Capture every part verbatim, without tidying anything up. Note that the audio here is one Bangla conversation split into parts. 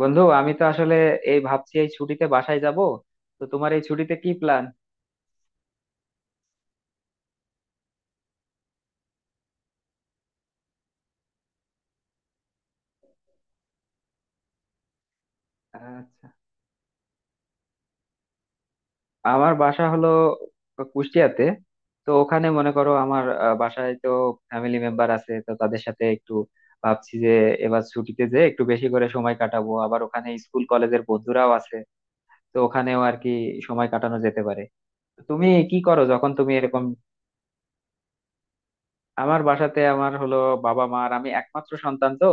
বন্ধু, আমি তো আসলে এই ভাবছি এই ছুটিতে বাসায় যাব। তো তোমার এই ছুটিতে কি প্ল্যান? আচ্ছা, আমার বাসা হলো কুষ্টিয়াতে। তো ওখানে মনে করো আমার আহ, বাসায় তো ফ্যামিলি মেম্বার আছে, তো তাদের সাথে একটু ভাবছি যে এবার ছুটিতে যে একটু বেশি করে সময় কাটাবো। আবার ওখানে স্কুল কলেজের বন্ধুরাও আছে, তো ওখানেও আর কি সময় কাটানো যেতে পারে। তো তুমি কি করো যখন তুমি এরকম? আমার বাসাতে আমার হলো বাবা মা আর আমি, একমাত্র সন্তান। তো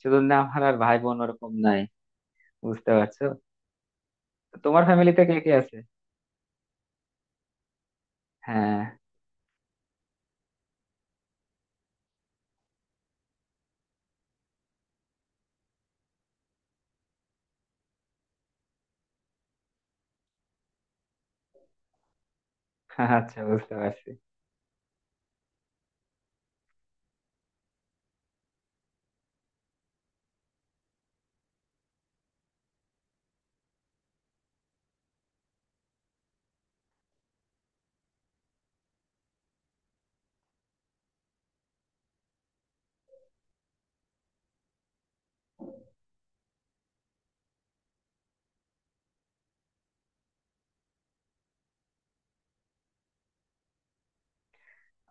সেজন্য আমার আর ভাই বোন ওরকম নাই। বুঝতে পারছো? তোমার ফ্যামিলিতে কে কে আছে? হ্যাঁ। আচ্ছা, বুঝতে পারছি।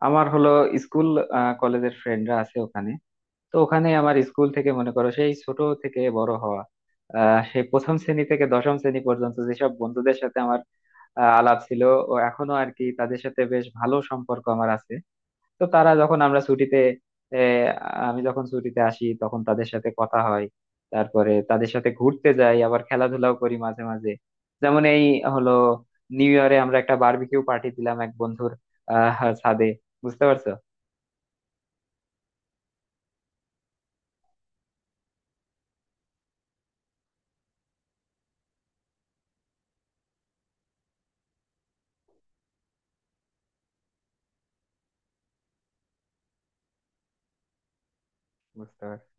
আমার হলো স্কুল আহ, কলেজের ফ্রেন্ডরা আছে ওখানে। তো ওখানে আমার স্কুল থেকে মনে করো সেই ছোট থেকে বড় হওয়া, আহ, সেই প্রথম শ্রেণী থেকে দশম শ্রেণী পর্যন্ত যেসব বন্ধুদের সাথে আমার আহ, আলাপ ছিল, ও এখনো আর কি তাদের সাথে বেশ ভালো সম্পর্ক আমার আছে। তো তারা যখন আমরা ছুটিতে, এ, আমি যখন ছুটিতে আসি, তখন তাদের সাথে কথা হয়। তারপরে তাদের সাথে ঘুরতে যাই, আবার খেলাধুলাও করি মাঝে মাঝে। যেমন এই হলো নিউ ইয়ারে আমরা একটা বারবিকিউ পার্টি দিলাম এক বন্ধুর আহ ছাদে। বুঝতে পারছো? বুঝতে পারছি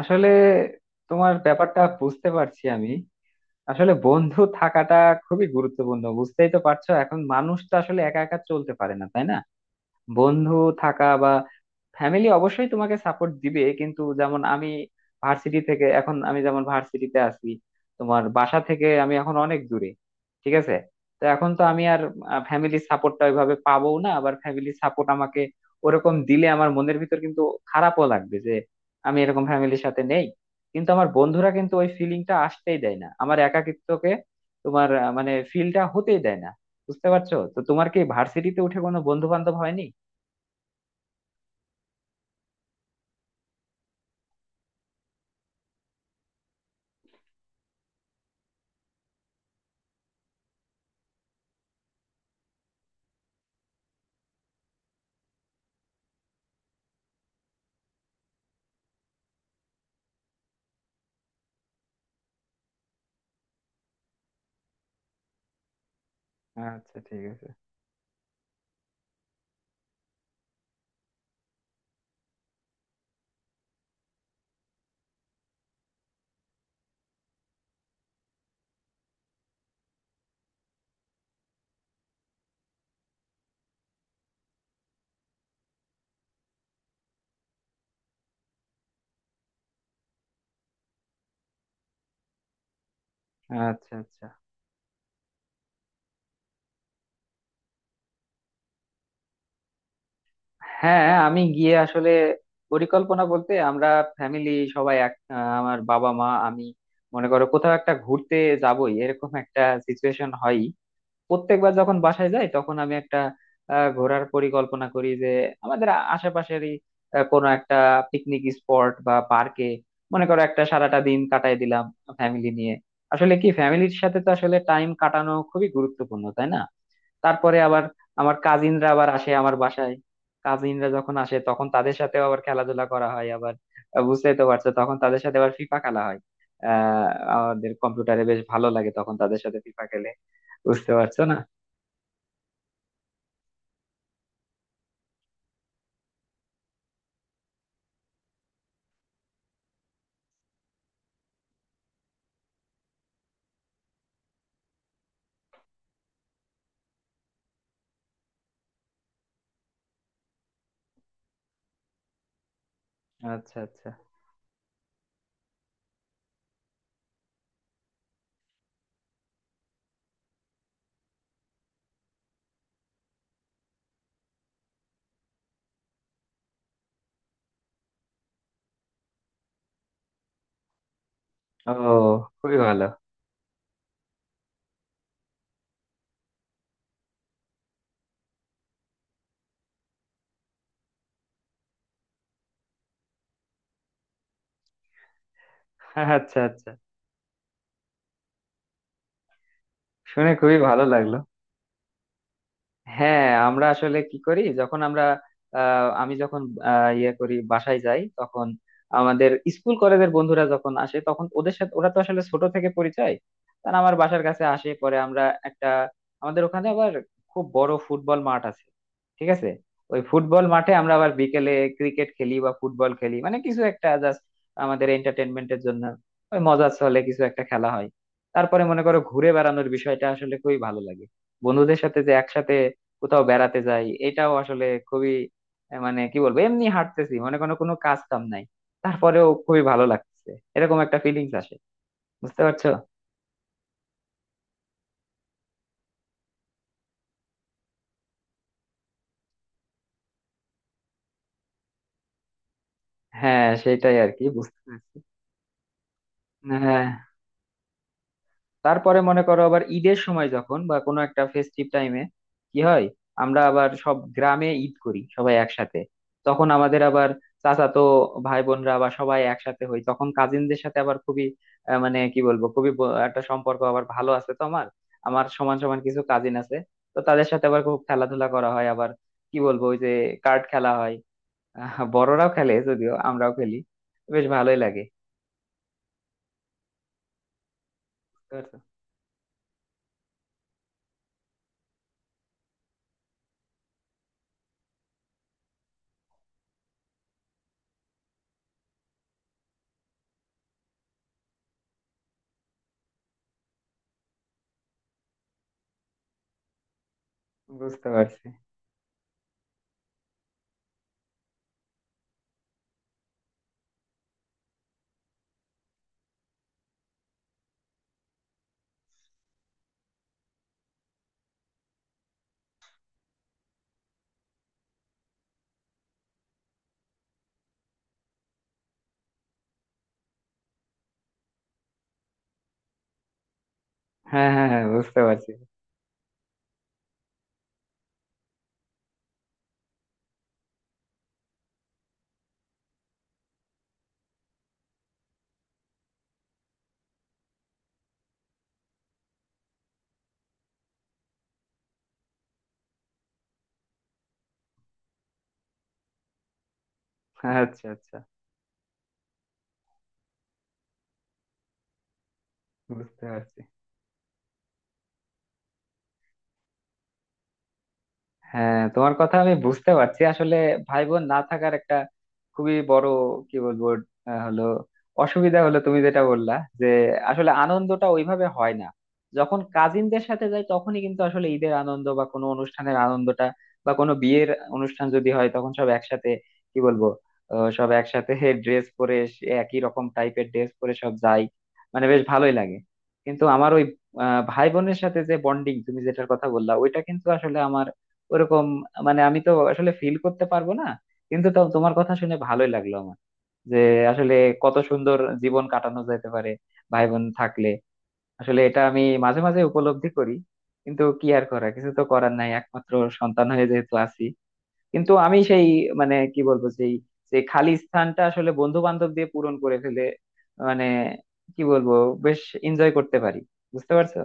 আসলে, তোমার ব্যাপারটা বুঝতে পারছি আমি। আসলে বন্ধু থাকাটা খুবই গুরুত্বপূর্ণ, বুঝতেই তো পারছো। এখন মানুষ তো আসলে একা একা চলতে পারে না, তাই না? বন্ধু থাকা বা ফ্যামিলি অবশ্যই তোমাকে সাপোর্ট দিবে, কিন্তু যেমন আমি ভার্সিটি থেকে এখন, আমি যেমন ভার্সিটিতে আছি, তোমার বাসা থেকে আমি এখন অনেক দূরে, ঠিক আছে? তো এখন তো আমি আর ফ্যামিলির সাপোর্টটা ওইভাবে পাবো না। আবার ফ্যামিলির সাপোর্ট আমাকে ওরকম দিলে আমার মনের ভিতর কিন্তু খারাপও লাগবে, যে আমি এরকম ফ্যামিলির সাথে নেই। কিন্তু আমার বন্ধুরা কিন্তু ওই ফিলিংটা আসতেই দেয় না, আমার একাকিত্বকে, তোমার আহ, মানে ফিলটা হতেই দেয় না। বুঝতে পারছো? তো তোমার কি ভার্সিটিতে উঠে কোনো বন্ধু বান্ধব হয়নি? আচ্ছা, ঠিক আছে। আচ্ছা আচ্ছা। হ্যাঁ, আমি গিয়ে আসলে পরিকল্পনা বলতে, আমরা ফ্যামিলি সবাই এক, আহ, আমার বাবা মা আমি মনে করো কোথাও একটা ঘুরতে যাবই, এরকম একটা সিচুয়েশন হয়। প্রত্যেকবার যখন বাসায় যাই তখন আমি একটা আহ, ঘোরার পরিকল্পনা করি, যে আমাদের আ- আশেপাশেরই আহ, কোনো একটা পিকনিক স্পট বা পার্কে মনে করো একটা সারাটা দিন কাটায় দিলাম ফ্যামিলি নিয়ে। আসলে কি, ফ্যামিলির সাথে তো আসলে টাইম কাটানো খুবই গুরুত্বপূর্ণ, তাই না? তারপরে আবার আমার কাজিনরা আবার আসে আমার বাসায়। কাজিনরা যখন আসে তখন তাদের সাথেও আবার খেলাধুলা করা হয়। আবার আহ, বুঝতেই তো পারছো তখন তাদের সাথে আবার ফিফা খেলা হয়। আহ আমাদের কম্পিউটারে বেশ ভালো লাগে তখন তাদের সাথে ফিফা খেলে। বুঝতে পারছো না? আচ্ছা আচ্ছা। ও, খুবই ভালো। আচ্ছা আচ্ছা, শুনে খুবই ভালো লাগলো। হ্যাঁ, আমরা আসলে কি করি যখন আমরা, আহ, আমি যখন আহ, ইয়ে করি, বাসায় যাই তখন আমাদের স্কুল কলেজের বন্ধুরা যখন আসে তখন ওদের সাথে, ওরা তো আসলে ছোট থেকে পরিচয়, তারা আমার বাসার কাছে আসে, পরে আমরা একটা, আমাদের ওখানে আবার খুব বড় ফুটবল মাঠ আছে, ঠিক আছে? ওই ফুটবল মাঠে আমরা আবার বিকেলে ক্রিকেট খেলি বা ফুটবল খেলি, মানে কিছু একটা জাস্ট আমাদের এন্টারটেনমেন্টের জন্য, ওই মজার চলে কিছু একটা খেলা হয়। তারপরে মনে করো ঘুরে বেড়ানোর বিষয়টা আসলে খুবই ভালো লাগে। বন্ধুদের সাথে যে একসাথে কোথাও বেড়াতে যাই, এটাও আসলে খুবই, আহ, মানে কি বলবো, এমনি হাঁটতেছি, মনে কোনো কোনো কাজ কাম নাই, তারপরেও খুবই ভালো লাগছে, এরকম একটা ফিলিংস আসে। বুঝতে পারছো? হ্যাঁ সেটাই আর কি, বুঝতে পারছি। হ্যাঁ, তারপরে মনে করো আবার ঈদের সময় যখন বা কোনো একটা ফেস্টিভ টাইমে কি হয়, আমরা আবার সব গ্রামে ঈদ করি সবাই একসাথে। তখন আমাদের আবার চাচাতো ভাই বোনরা বা সবাই একসাথে হই, তখন কাজিনদের সাথে আবার খুবই আহ, মানে কি বলবো, খুবই ব- একটা সম্পর্ক আবার ভালো আছে তো আমার। আমার সমান সমান কিছু কাজিন আছে, তো তাদের সাথে আবার খুব খেলাধুলা করা হয়। আবার কি বলবো, ওই যে কার্ড খেলা হয়, আহ, বড়রাও খেলে যদিও, আমরাও খেলি। বেশ ভালোই লাগে। বুঝতে পারছো? বুঝতে পারছি। হ্যাঁ হ্যাঁ হ্যাঁ, বুঝতে পারছি। আচ্ছা আচ্ছা, বুঝতে পারছি। হ্যাঁ, তোমার কথা আমি বুঝতে পারছি। আসলে ভাই বোন না থাকার একটা খুবই বড়, কি বলবো, আহ, হলো অসুবিধা হলো তুমি যেটা বললা, যে আসলে আনন্দটা ওইভাবে হয় না। যখন কাজিনদের সাথে যাই তখনই কিন্তু আসলে ঈদের আনন্দ বা কোনো অনুষ্ঠানের আনন্দটা, বা কোনো বিয়ের অনুষ্ঠান যদি হয়, তখন সব একসাথে, কি বলবো, আহ, সব একসাথে ড্রেস পরে, সে একই রকম টাইপের ড্রেস পরে সব যাই, মানে বেশ ভালোই লাগে। কিন্তু আমার ওই আহ, ভাই বোনের সাথে যে বন্ডিং তুমি যেটার কথা বললা, ওইটা কিন্তু আসলে আমার ওরকম, মানে আমি তো আসলে ফিল করতে পারবো না। কিন্তু তাও তোমার কথা শুনে ভালোই লাগলো আমার, যে আসলে কত সুন্দর জীবন কাটানো যেতে পারে ভাই বোন থাকলে। আসলে এটা আমি মাঝে মাঝে উপলব্ধি করি, কিন্তু কি আর করা, কিছু তো করার নাই, একমাত্র সন্তান হয়ে যেহেতু আছি। কিন্তু আমি সেই, মানে কি বলবো, সেই সেই খালি স্থানটা আসলে বন্ধু বান্ধব দিয়ে পূরণ করে ফেলে, মানে কি বলবো, বেশ এনজয় করতে পারি। বুঝতে পারছো?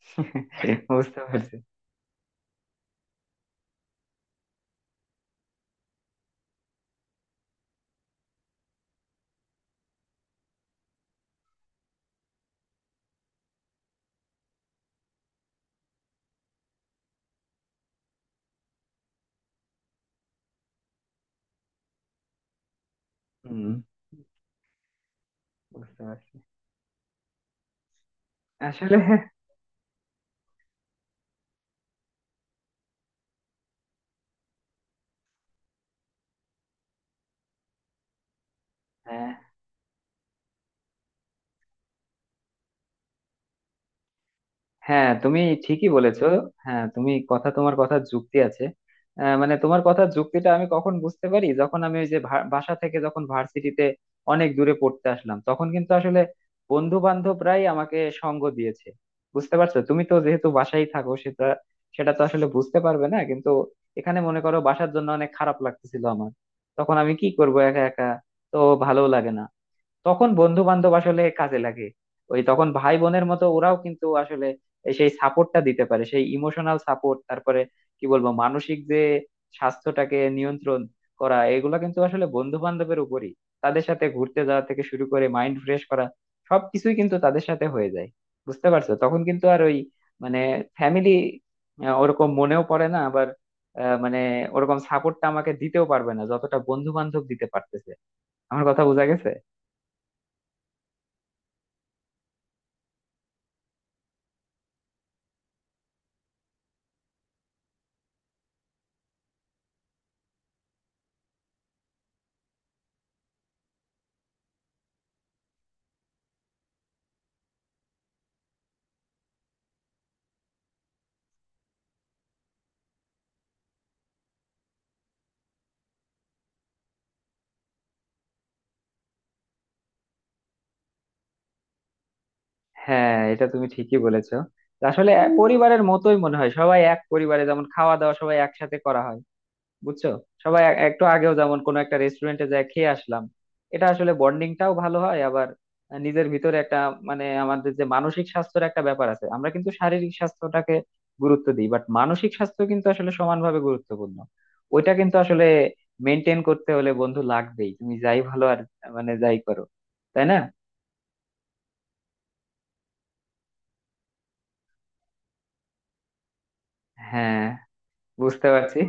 বুঝতে পারছি। হম, বুঝতে পারছি আসলে। হ্যাঁ, হ্যাঁ তুমি ঠিকই বলেছো। হ্যাঁ তুমি কথা, তোমার কথা যুক্তি আছে। আহ, মানে তোমার কথা যুক্তিটা আমি কখন বুঝতে পারি, যখন আমি ওই যে ভা- বাসা থেকে যখন ভার্সিটিতে অনেক দূরে পড়তে আসলাম, তখন কিন্তু আসলে বন্ধু বান্ধবরাই আমাকে সঙ্গ দিয়েছে। বুঝতে পারছো, তুমি তো যেহেতু বাসায় থাকো সেটা, সেটা তো আসলে বুঝতে পারবে না। কিন্তু এখানে মনে করো বাসার জন্য অনেক খারাপ লাগতেছিল আমার, তখন আমি কি করব একা একা, তো ভালো লাগে না। তখন বন্ধু বান্ধব আসলে কাজে লাগে। ওই তখন ভাই বোনের মতো ওরাও কিন্তু আসলে এই সেই সাপোর্টটা দিতে পারে, সেই ইমোশনাল সাপোর্ট। তারপরে কি বলবো, মানসিক যে স্বাস্থ্যটাকে নিয়ন্ত্রণ করা, এগুলো কিন্তু আসলে বন্ধু বান্ধবের উপরই। তাদের সাথে ঘুরতে যাওয়া থেকে শুরু করে মাইন্ড ফ্রেশ করা, সবকিছুই কিন্তু তাদের সাথে হয়ে যায়। বুঝতে পারছো, তখন কিন্তু আর ওই মানে ফ্যামিলি ওরকম মনেও পড়ে না। আবার আহ, মানে ওরকম সাপোর্টটা আমাকে দিতেও পারবে না যতটা বন্ধু বান্ধব দিতে পারতেছে। আমার কথা বোঝা গেছে? হ্যাঁ এটা তুমি ঠিকই বলেছো। আসলে এক পরিবারের মতোই মনে হয়, সবাই এক পরিবারে যেমন খাওয়া দাওয়া সবাই একসাথে করা হয়। বুঝছো, সবাই এক- একটু আগেও যেমন কোনো একটা রেস্টুরেন্টে যায় খেয়ে আসলাম। এটা আসলে বন্ডিংটাও ভালো হয়। আবার আহ, নিজের ভিতরে একটা, মানে আমাদের যে মানসিক স্বাস্থ্যের একটা ব্যাপার আছে, আমরা কিন্তু শারীরিক স্বাস্থ্যটাকে গুরুত্ব দিই, বাট মানসিক স্বাস্থ্য কিন্তু আসলে সমানভাবে গুরুত্বপূর্ণ। ওইটা কিন্তু আসলে মেনটেন করতে হলে বন্ধু লাগবেই, তুমি যাই ভালো আর মানে যাই করো, তাই না? হ্যাঁ, বুঝতে পারছি।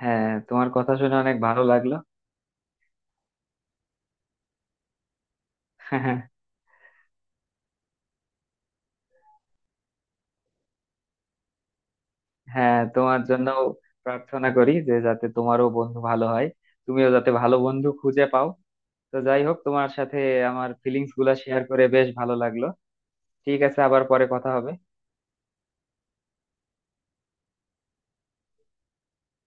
হ্যাঁ, তোমার কথা শুনে অনেক ভালো লাগলো। হ্যাঁ, তোমার জন্য প্রার্থনা করি যে যাতে তোমারও বন্ধু ভালো হয়, তুমিও যাতে ভালো বন্ধু খুঁজে পাও। তো যাই হোক, তোমার সাথে আমার ফিলিংস গুলা শেয়ার করে বেশ ভালো লাগলো। ঠিক আছে, আবার পরে কথা হবে।